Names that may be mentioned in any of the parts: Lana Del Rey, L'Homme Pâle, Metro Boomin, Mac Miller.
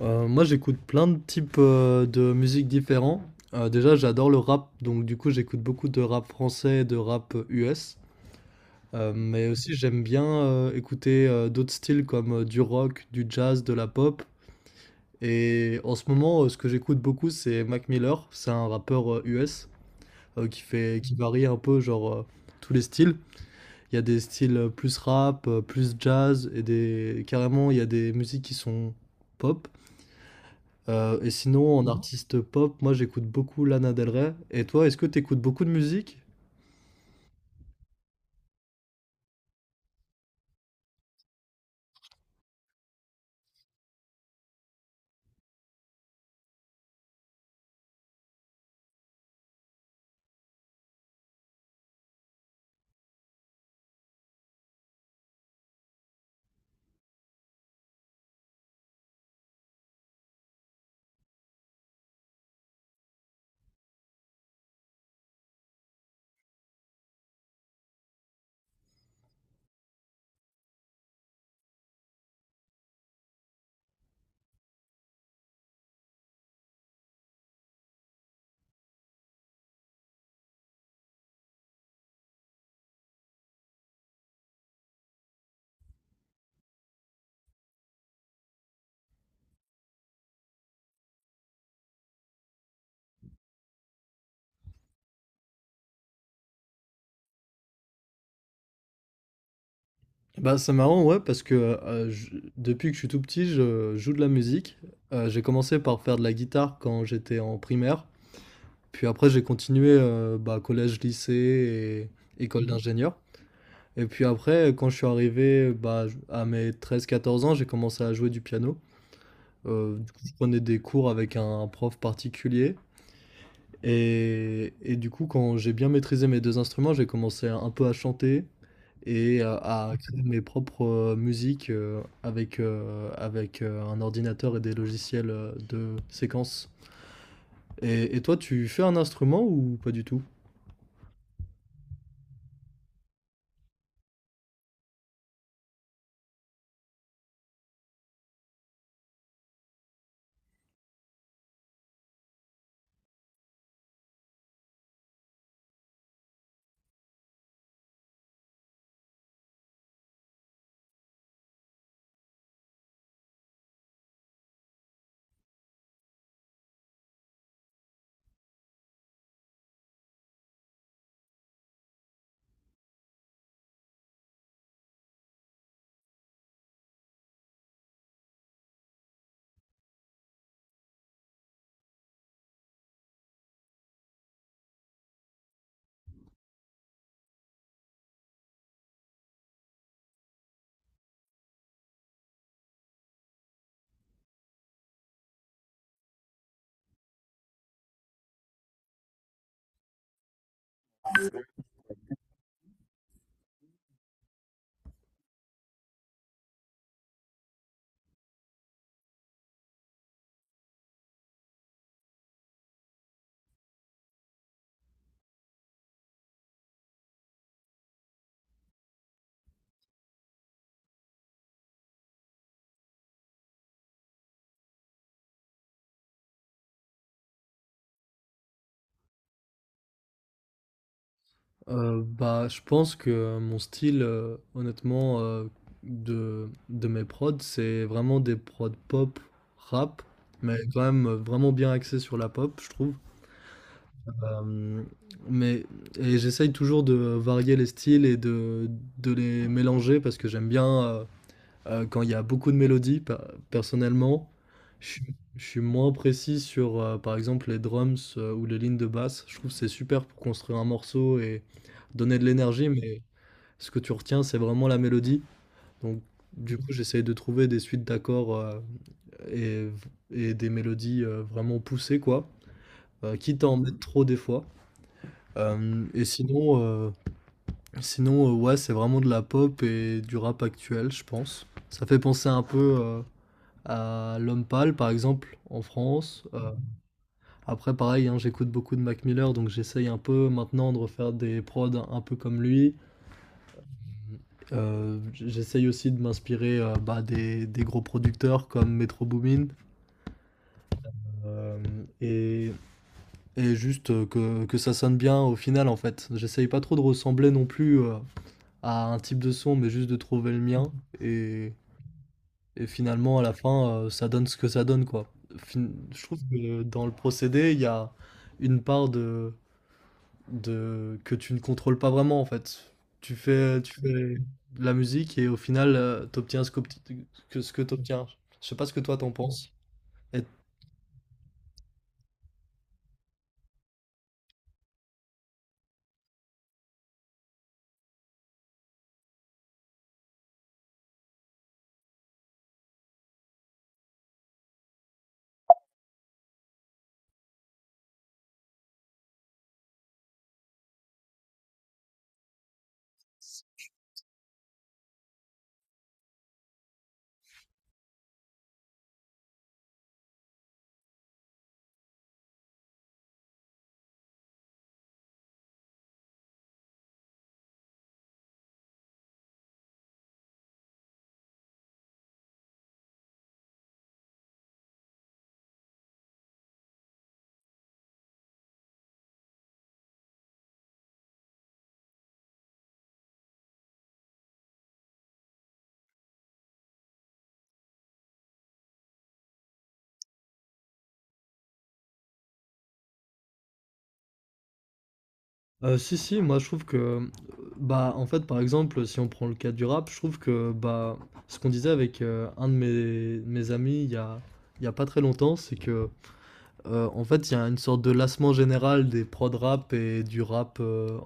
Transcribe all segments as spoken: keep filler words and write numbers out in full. Euh, moi, j'écoute plein de types euh, de musique différents. Euh, déjà, j'adore le rap, donc du coup, j'écoute beaucoup de rap français et de rap U S. Euh, mais aussi, j'aime bien euh, écouter euh, d'autres styles comme euh, du rock, du jazz, de la pop. Et en ce moment, euh, ce que j'écoute beaucoup, c'est Mac Miller. C'est un rappeur euh, U S euh, qui fait, qui varie un peu, genre, euh, tous les styles. Il y a des styles euh, plus rap, euh, plus jazz, et des carrément, il y a des musiques qui sont pop. Euh, et sinon, en artiste pop, moi j'écoute beaucoup Lana Del Rey. Et toi, est-ce que tu écoutes beaucoup de musique? Bah, c'est marrant, ouais, parce que euh, je- depuis que je suis tout petit, je joue de la musique. Euh, j'ai commencé par faire de la guitare quand j'étais en primaire. Puis après, j'ai continué euh, bah, collège, lycée et école d'ingénieur. Et puis après, quand je suis arrivé bah, à mes treize quatorze ans, j'ai commencé à jouer du piano. Euh, du coup, je prenais des cours avec un prof particulier. Et et du coup, quand j'ai bien maîtrisé mes deux instruments, j'ai commencé un un peu à chanter et à à créer mes propres, heu, musiques, heu, avec, heu, avec, heu, un ordinateur et des logiciels, heu, de séquence. Et et toi, tu fais un instrument ou pas du tout? Heu, bah, je pense que mon style, heu, honnêtement, heu, de de mes prods, c'est vraiment des prods pop, rap, mais quand même, heu, vraiment bien axé sur la pop, je trouve. Euh, mais et j'essaye toujours de varier les styles et de, de les mélanger parce que j'aime bien euh, euh, quand il y a beaucoup de mélodies. pe- Personnellement, je, suis je suis moins précis sur euh, par exemple les drums euh, ou les lignes de basse. Je trouve que c'est super pour construire un morceau et donner de l'énergie, mais ce que tu retiens, c'est vraiment la mélodie. Donc du coup, j'essaye de trouver des suites d'accords euh, et, et des mélodies euh, vraiment poussées quoi, euh, quitte à en mettre trop des fois. Hem Et sinon, heu, sinon, heu, ouais, c'est vraiment de la pop et du rap actuel, je pense. Ça fait penser un peu, heu, à L'Homme Pâle, par exemple, en France. Heu, après pareil, hein, j'écoute beaucoup de Mac Miller, donc j'essaye un peu maintenant de refaire des prods un un peu comme lui. Heu, j j'essaye aussi de m'inspirer, heu, bah, des des gros producteurs comme Metro Boomin. Hem et et juste, heu, que que ça sonne bien au final, en fait. J'essaye pas trop de ressembler non plus, heu, à un type de son, mais juste de trouver le mien. Et, et finalement, à la fin, euh, ça donne ce que ça donne, quoi. Fin- je trouve que le- dans le procédé, il y a une part de, de que tu ne contrôles pas vraiment, en fait. Tu fais, tu fais de la musique et au final, tu obtiens ce qu'obti- que, ce que tu obtiens. Je sais pas ce que toi t'en penses. Et Heu, si, si, moi je trouve que, bah, en fait, par exemple, si on prend le cas du rap, je trouve que, bah, ce qu'on disait avec, heu, un de mes mes amis il y a il y a pas très longtemps, c'est que, heu, en fait, il y a une sorte de lassement général des prods rap et du rap, heu,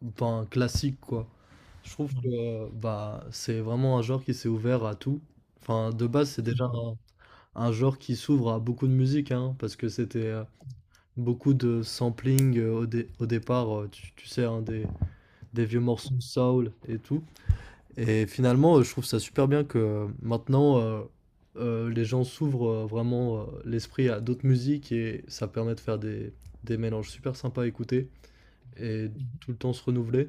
ben, classique, quoi. Je trouve Mmh. que, euh, bah, c'est vraiment un genre qui s'est ouvert à tout. Enfin, de base, c'est déjà Mmh. un un genre qui s'ouvre à beaucoup de musique, hein, parce que c'était, heu, beaucoup de sampling, heu, au dé au départ, heu, tu tu sais, hein, des des vieux morceaux de soul et tout. Et finalement, euh, je trouve ça super bien que euh, maintenant, euh, euh, les gens s'ouvrent euh, vraiment euh, l'esprit à d'autres musiques et ça permet de faire des, des mélanges super sympas à écouter et tout le temps se renouveler.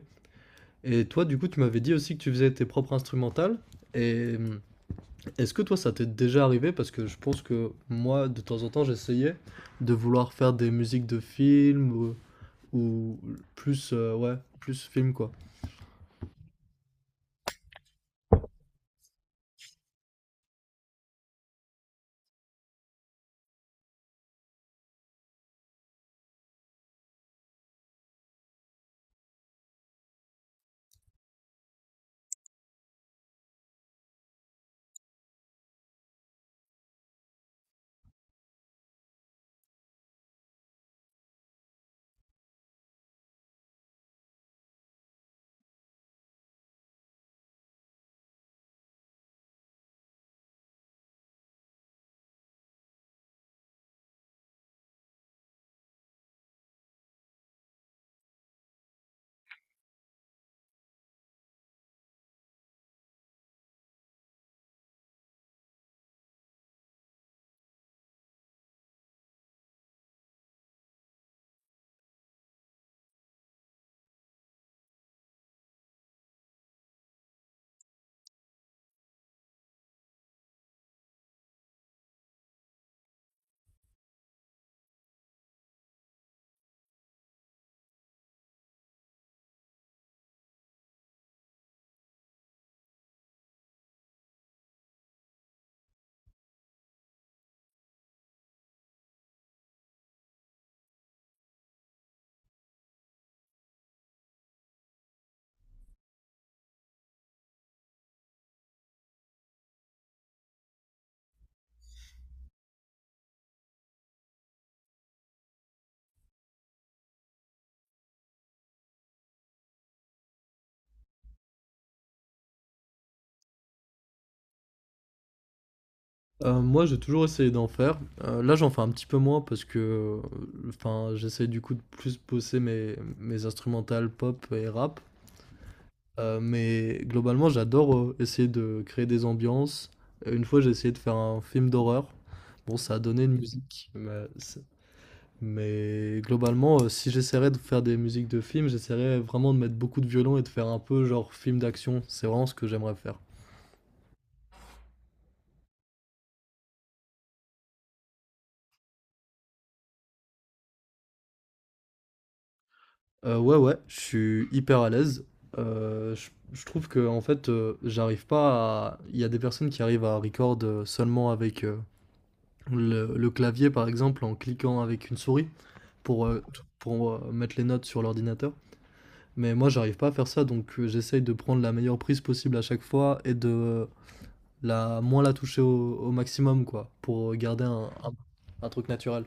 Et toi, du coup, tu m'avais dit aussi que tu faisais tes propres instrumentales. Et hum, est-ce que toi, ça t'est déjà arrivé? Parce que je pense que moi, de temps en temps, j'essayais de vouloir faire des musiques de films ou, ou plus, euh, ouais, plus film, quoi. Heu, moi, j'ai toujours essayé d'en faire. Heu, là, j'en fais un petit peu moins parce que, heu, enfin, j'essaye du coup de plus bosser mes mes instrumentales pop et rap. Heu, mais globalement, j'adore, heu, essayer de créer des ambiances. Euh, Une fois, j'ai essayé de faire un film d'horreur. Bon, ça a donné une musique, mais c'est mais globalement, heu, si j'essaierais de faire des musiques de films, j'essaierais vraiment de mettre beaucoup de violon et de faire un peu genre film d'action. C'est vraiment ce que j'aimerais faire. Heu, ouais, ouais, je suis hyper à l'aise. Heu, je je trouve que en fait, heu, j'arrive pas à il y a des personnes qui arrivent à record, heu, seulement avec, heu, le le clavier, par exemple, en cliquant avec une souris pour, heu, t pour, heu, mettre les notes sur l'ordinateur. Mais moi, j'arrive pas à faire ça, donc heu, j'essaye de prendre la meilleure prise possible à chaque fois et de la moins la toucher au au maximum, quoi, pour garder un un un truc naturel.